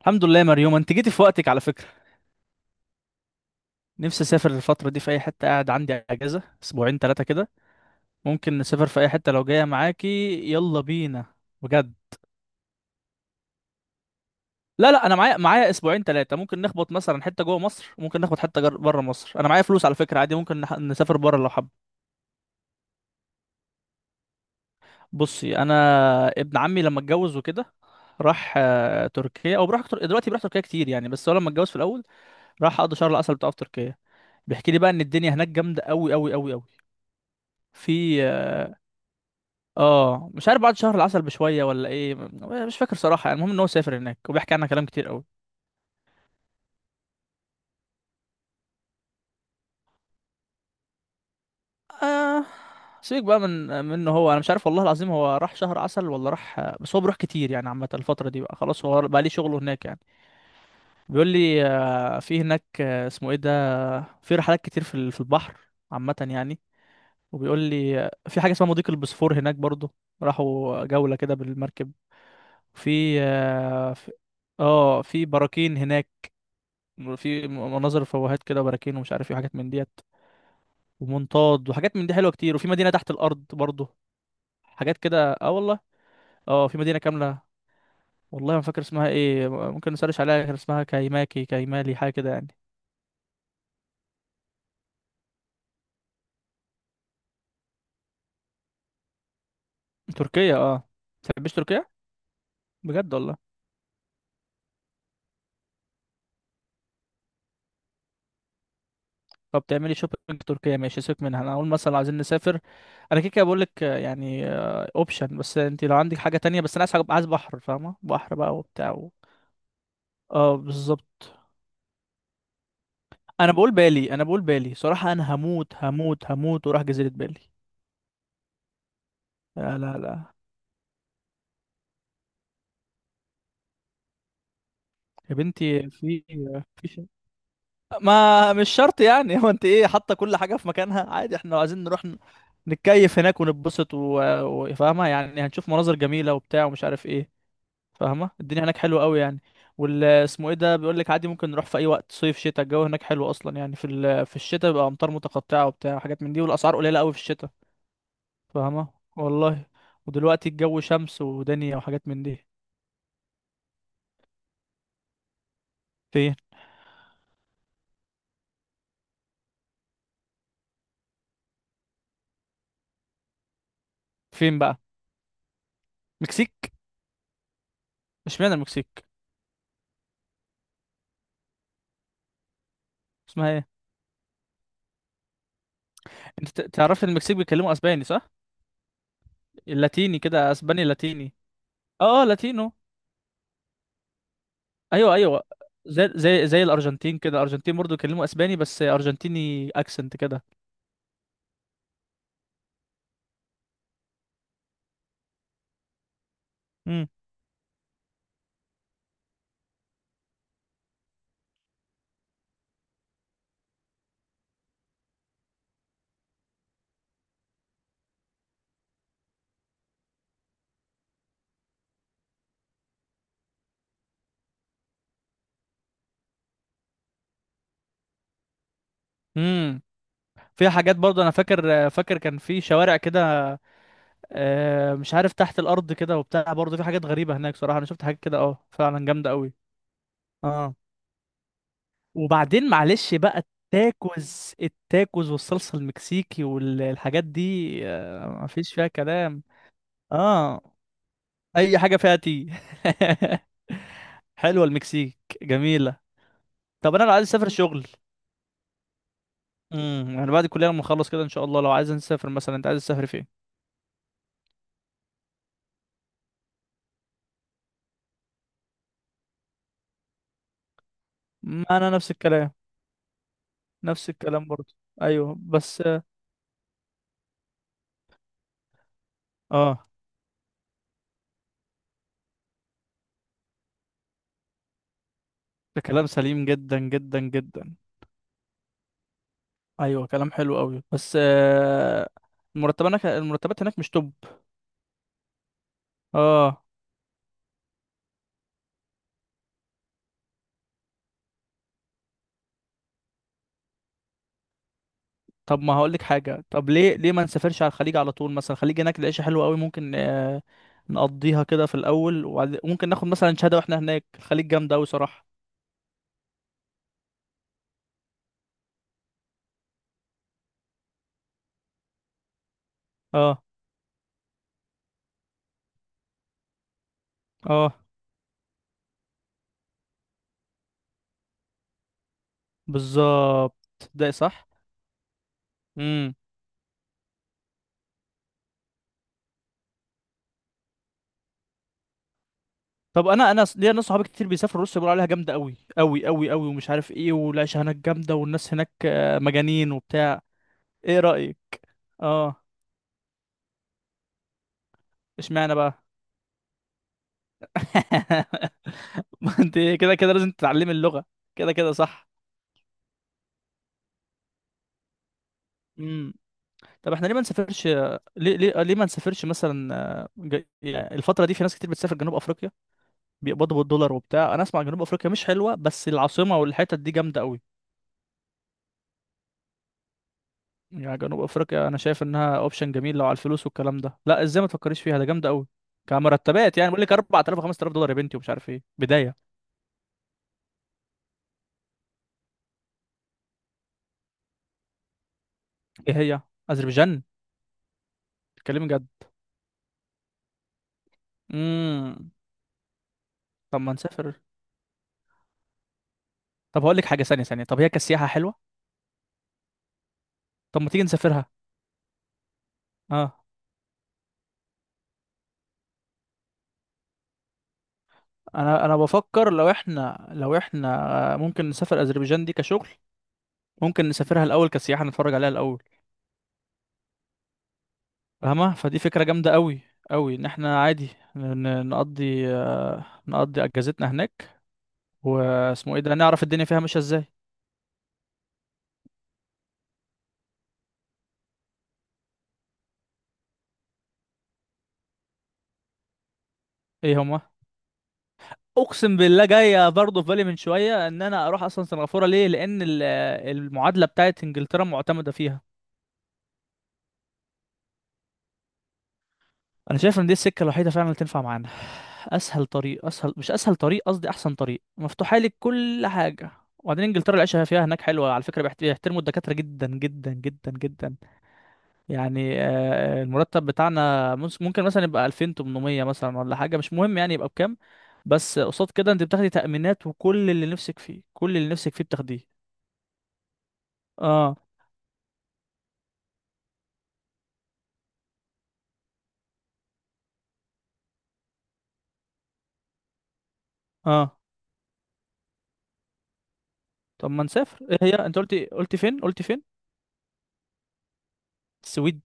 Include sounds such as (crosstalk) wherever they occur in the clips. الحمد لله يا مريوم، انت جيتي في وقتك على فكرة. نفسي اسافر الفترة دي في اي حتة. قاعد عندي اجازة اسبوعين ثلاثة كده. ممكن نسافر في اي حتة لو جاية معاكي. يلا بينا، بجد. لا لا، انا معايا اسبوعين ثلاثة. ممكن نخبط مثلا حتة جوه مصر، ممكن نخبط حتة بره مصر. انا معايا فلوس على فكرة، عادي ممكن نسافر بره لو حب. بصي، انا ابن عمي لما اتجوز وكده راح تركيا، او بروح دلوقتي، بروح تركيا كتير يعني. بس هو لما اتجوز في الاول راح قضى شهر العسل بتاعه في تركيا. بيحكي لي بقى ان الدنيا هناك جامده قوي قوي قوي قوي. في، اه مش عارف بعد شهر العسل بشويه ولا ايه، مش فاكر صراحه يعني. المهم ان هو سافر هناك وبيحكي عنها كلام كتير قوي. آه. سيبك بقى من منه، هو انا مش عارف والله العظيم هو راح شهر عسل ولا راح، بس هو بيروح كتير يعني. عامه الفتره دي بقى خلاص هو بقى ليه شغله هناك يعني. بيقول لي في هناك، اسمه ايه ده، في رحلات كتير في في البحر، عامه يعني. وبيقول لي في حاجه اسمها مضيق البوسفور هناك برضو. راحوا جوله كده بالمركب. في آه، في اه في براكين هناك، في مناظر فوهات كده وبراكين ومش عارف ايه وحاجات من ديت، ومنطاد وحاجات من دي حلوه كتير، وفي مدينه تحت الارض برضه. حاجات كده، اه والله. اه في مدينه كامله، والله ما فاكر اسمها ايه، ممكن نسرش عليها. كان اسمها كايماكي كايمالي حاجه كده يعني. تركيا، اه. تحبش تركيا؟ بجد والله. طب تعملي شوبينج تركيا ماشي، سيبك منها. انا اقول مثلا عايزين نسافر. انا كده كده بقول لك، يعني اوبشن. بس انت لو عندك حاجه تانية. بس انا عايز عايز بحر، فاهمه؟ بحر بقى وبتاع و... اه بالظبط. انا بقول بالي صراحة، انا هموت هموت هموت وراح جزيرة بالي. لا لا لا، يا بنتي. في شيء ما مش شرط يعني. (laughs) هو انت ايه، حاطة كل حاجة في مكانها؟ عادي احنا لو عايزين نروح نتكيف هناك ونتبسط و-، وفاهمة يعني هنشوف مناظر جميلة وبتاع ومش عارف ايه. فاهمة؟ الدنيا هناك حلوة قوي يعني. وال اسمه ايه ده بيقول لك عادي ممكن نروح في اي وقت، صيف شتاء الجو هناك حلو اصلا يعني. في الشتاء بيبقى امطار متقطعة وبتاع وحاجات من دي، والاسعار قليلة قوي في الشتاء. فاهمة؟ والله. ودلوقتي الجو شمس ودنيا وحاجات من دي. فين؟ فين بقى؟ مكسيك. اشمعنى المكسيك؟ اسمها ايه؟ انت تعرف إن المكسيك بيتكلموا اسباني، صح؟ اللاتيني كده، اسباني لاتيني. اه، لاتينو. ايوه ايوه. زي الارجنتين كده، الارجنتين برضو بيتكلموا اسباني بس ارجنتيني اكسنت كده. امم. امم. في حاجات برضو انا فاكر كان في شوارع كده، مش عارف، تحت الارض كده وبتاع، برضو في حاجات غريبة هناك صراحة. انا شفت حاجات كده اه، فعلا جامدة قوي. اه. وبعدين معلش بقى التاكوز التاكوز والصلصة المكسيكي والحاجات دي، مفيش فيها كلام. اه اي حاجة فيها تي. (laughs) حلوة المكسيك، جميلة. طب انا لو عايز اسافر شغل، يعني بعد الكلية لما اخلص كده ان شاء الله، لو عايز نسافر مثلا، انت عايز تسافر فين؟ انا نفس الكلام. نفس الكلام برضه. ايوه بس اه، ده كلام سليم جدا جدا جدا. ايوه كلام حلو قوي، بس آه، المرتبات هناك، المرتبات هناك مش توب. اه. طب ما هقول لك حاجه، طب ليه ما نسافرش على الخليج على طول مثلا؟ الخليج هناك العيشه حلوه قوي، ممكن نقضيها كده في الاول، وبعد ممكن ناخد مثلا شهاده واحنا هناك. الخليج جامده قوي صراحه. اه. اه بالظبط، ده صح. امم. طب انا ليا ناس صحابي كتير بيسافروا روسيا، بيقولوا عليها جامده قوي قوي قوي قوي ومش عارف ايه، والعيشه هناك جامده والناس هناك مجانين وبتاع. ايه رايك؟ اه. اشمعنى بقى؟ (laughs) ما انت كده كده لازم تتعلمي اللغه، كده كده صح. طب احنا ليه ما نسافرش؟ ليه؟ ليه ما نسافرش مثلا؟ يعني الفترة دي في ناس كتير بتسافر جنوب افريقيا، بيقبضوا بالدولار وبتاع. انا اسمع جنوب افريقيا مش حلوة بس العاصمة والحتت دي جامدة قوي. يعني جنوب افريقيا انا شايف انها اوبشن جميل لو على الفلوس والكلام ده. لا ازاي ما تفكريش فيها؟ ده جامدة قوي كمرتبات، يعني بقول لك 4000 5000 دولار يا بنتي ومش عارف ايه، بداية. ايه هي؟ اذربيجان. اتكلمي جد؟ امم. طب ما نسافر. طب هقول لك حاجة، ثانية طب هي كسياحة حلوة؟ طب ما تيجي نسافرها. اه. انا بفكر لو احنا، ممكن نسافر اذربيجان دي كشغل، ممكن نسافرها الاول كسياحه نتفرج عليها الاول، فاهمه؟ فدي فكره جامده قوي قوي ان احنا عادي نقضي، نقضي اجازتنا هناك، واسمه ايه ده، نعرف الدنيا فيها ماشيه ازاي. ايه هما؟ اقسم بالله جايه برضه في بالي من شويه ان انا اروح اصلا سنغافوره، ليه؟ لان المعادله بتاعت انجلترا معتمده فيها. انا شايف ان دي السكه الوحيده فعلا اللي تنفع معانا، اسهل طريق، اسهل مش اسهل طريق، قصدي احسن طريق مفتوحه لك كل حاجه. وبعدين انجلترا العيشه فيها هناك حلوه على فكره، بيحترموا الدكاتره جدا جدا جدا جدا. يعني المرتب بتاعنا ممكن مثلا يبقى 2800 مثلا ولا حاجه، مش مهم يعني يبقى بكام. بس قصاد كده انت بتاخدي تأمينات وكل اللي نفسك فيه، كل اللي نفسك فيه بتاخديه. اه. اه. طب ما نسافر. ايه هي؟ انت قلتي فين؟ قلتي فين؟ السويد.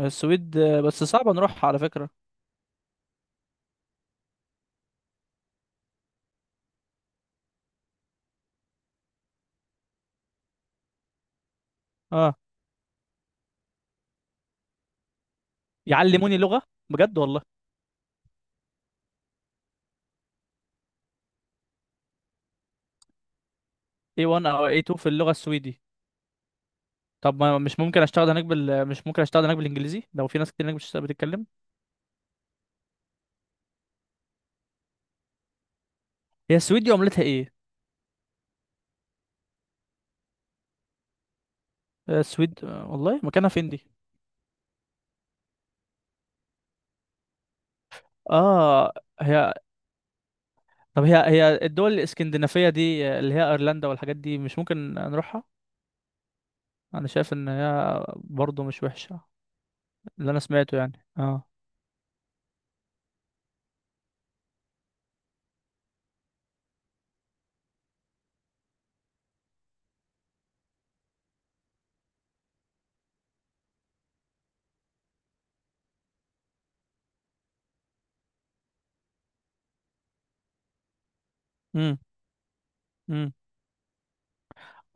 السويد، بس صعب نروح على فكره. اه يعلموني لغة؟ بجد والله. A1 او A2 في اللغة السويدي؟ طب ما مش ممكن اشتغل هناك بال، مش ممكن اشتغل هناك بالانجليزي لو في ناس كتير هناك مش بتتكلم؟ هي السويد دي عملتها ايه؟ آه، السويد آه، والله مكانها فين دي؟ اه. هي. طب هي هي الدول الاسكندنافية دي اللي هي ايرلندا والحاجات دي، مش ممكن نروحها؟ انا شايف ان هي برضه مش وحشة، اللي انا سمعته يعني، اه. امم.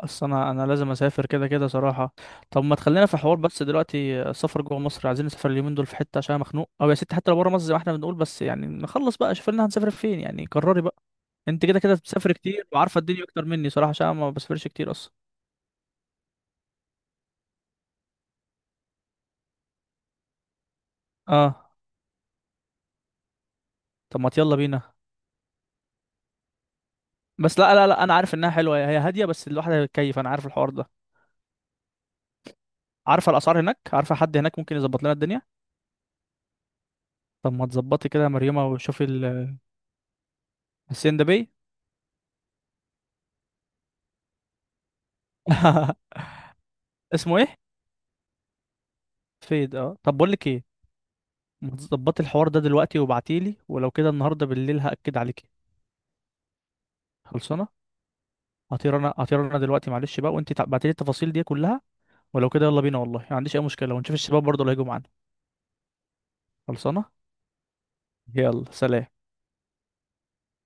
اصل انا لازم اسافر كده كده صراحه. طب ما تخلينا في حوار بس دلوقتي، السفر جوه مصر، عايزين نسافر اليومين دول في حته عشان أنا مخنوق، او يا ستي حتى لو بره مصر زي ما احنا بنقول. بس يعني نخلص بقى، شوف لنا هنسافر فين يعني، قرري بقى. انت كده كده بتسافر كتير وعارفه الدنيا اكتر مني صراحه، عشان أنا ما بسافرش كتير اصلا. اه. طب ما يلا بينا. بس لا لا لا، انا عارف انها حلوه، هي هاديه، بس الواحد هيتكيف، انا عارف الحوار ده. عارفه الاسعار هناك؟ عارفه حد هناك ممكن يظبط لنا الدنيا؟ طب ما تظبطي كده يا مريومه وشوفي ال-. السين ده بيه. (laughs) اسمه ايه؟ فيد، اه. طب بقول لك ايه، ما تظبطي الحوار ده دلوقتي وابعتيلي، ولو كده النهارده بالليل هأكد عليكي. خلصانه. هطير انا دلوقتي معلش بقى، وانت ابعتيلي التفاصيل دي كلها، ولو كده يلا بينا والله، ما عنديش اي مشكله، ونشوف الشباب برضه اللي هيجوا معانا. خلصانه. يلا سلام.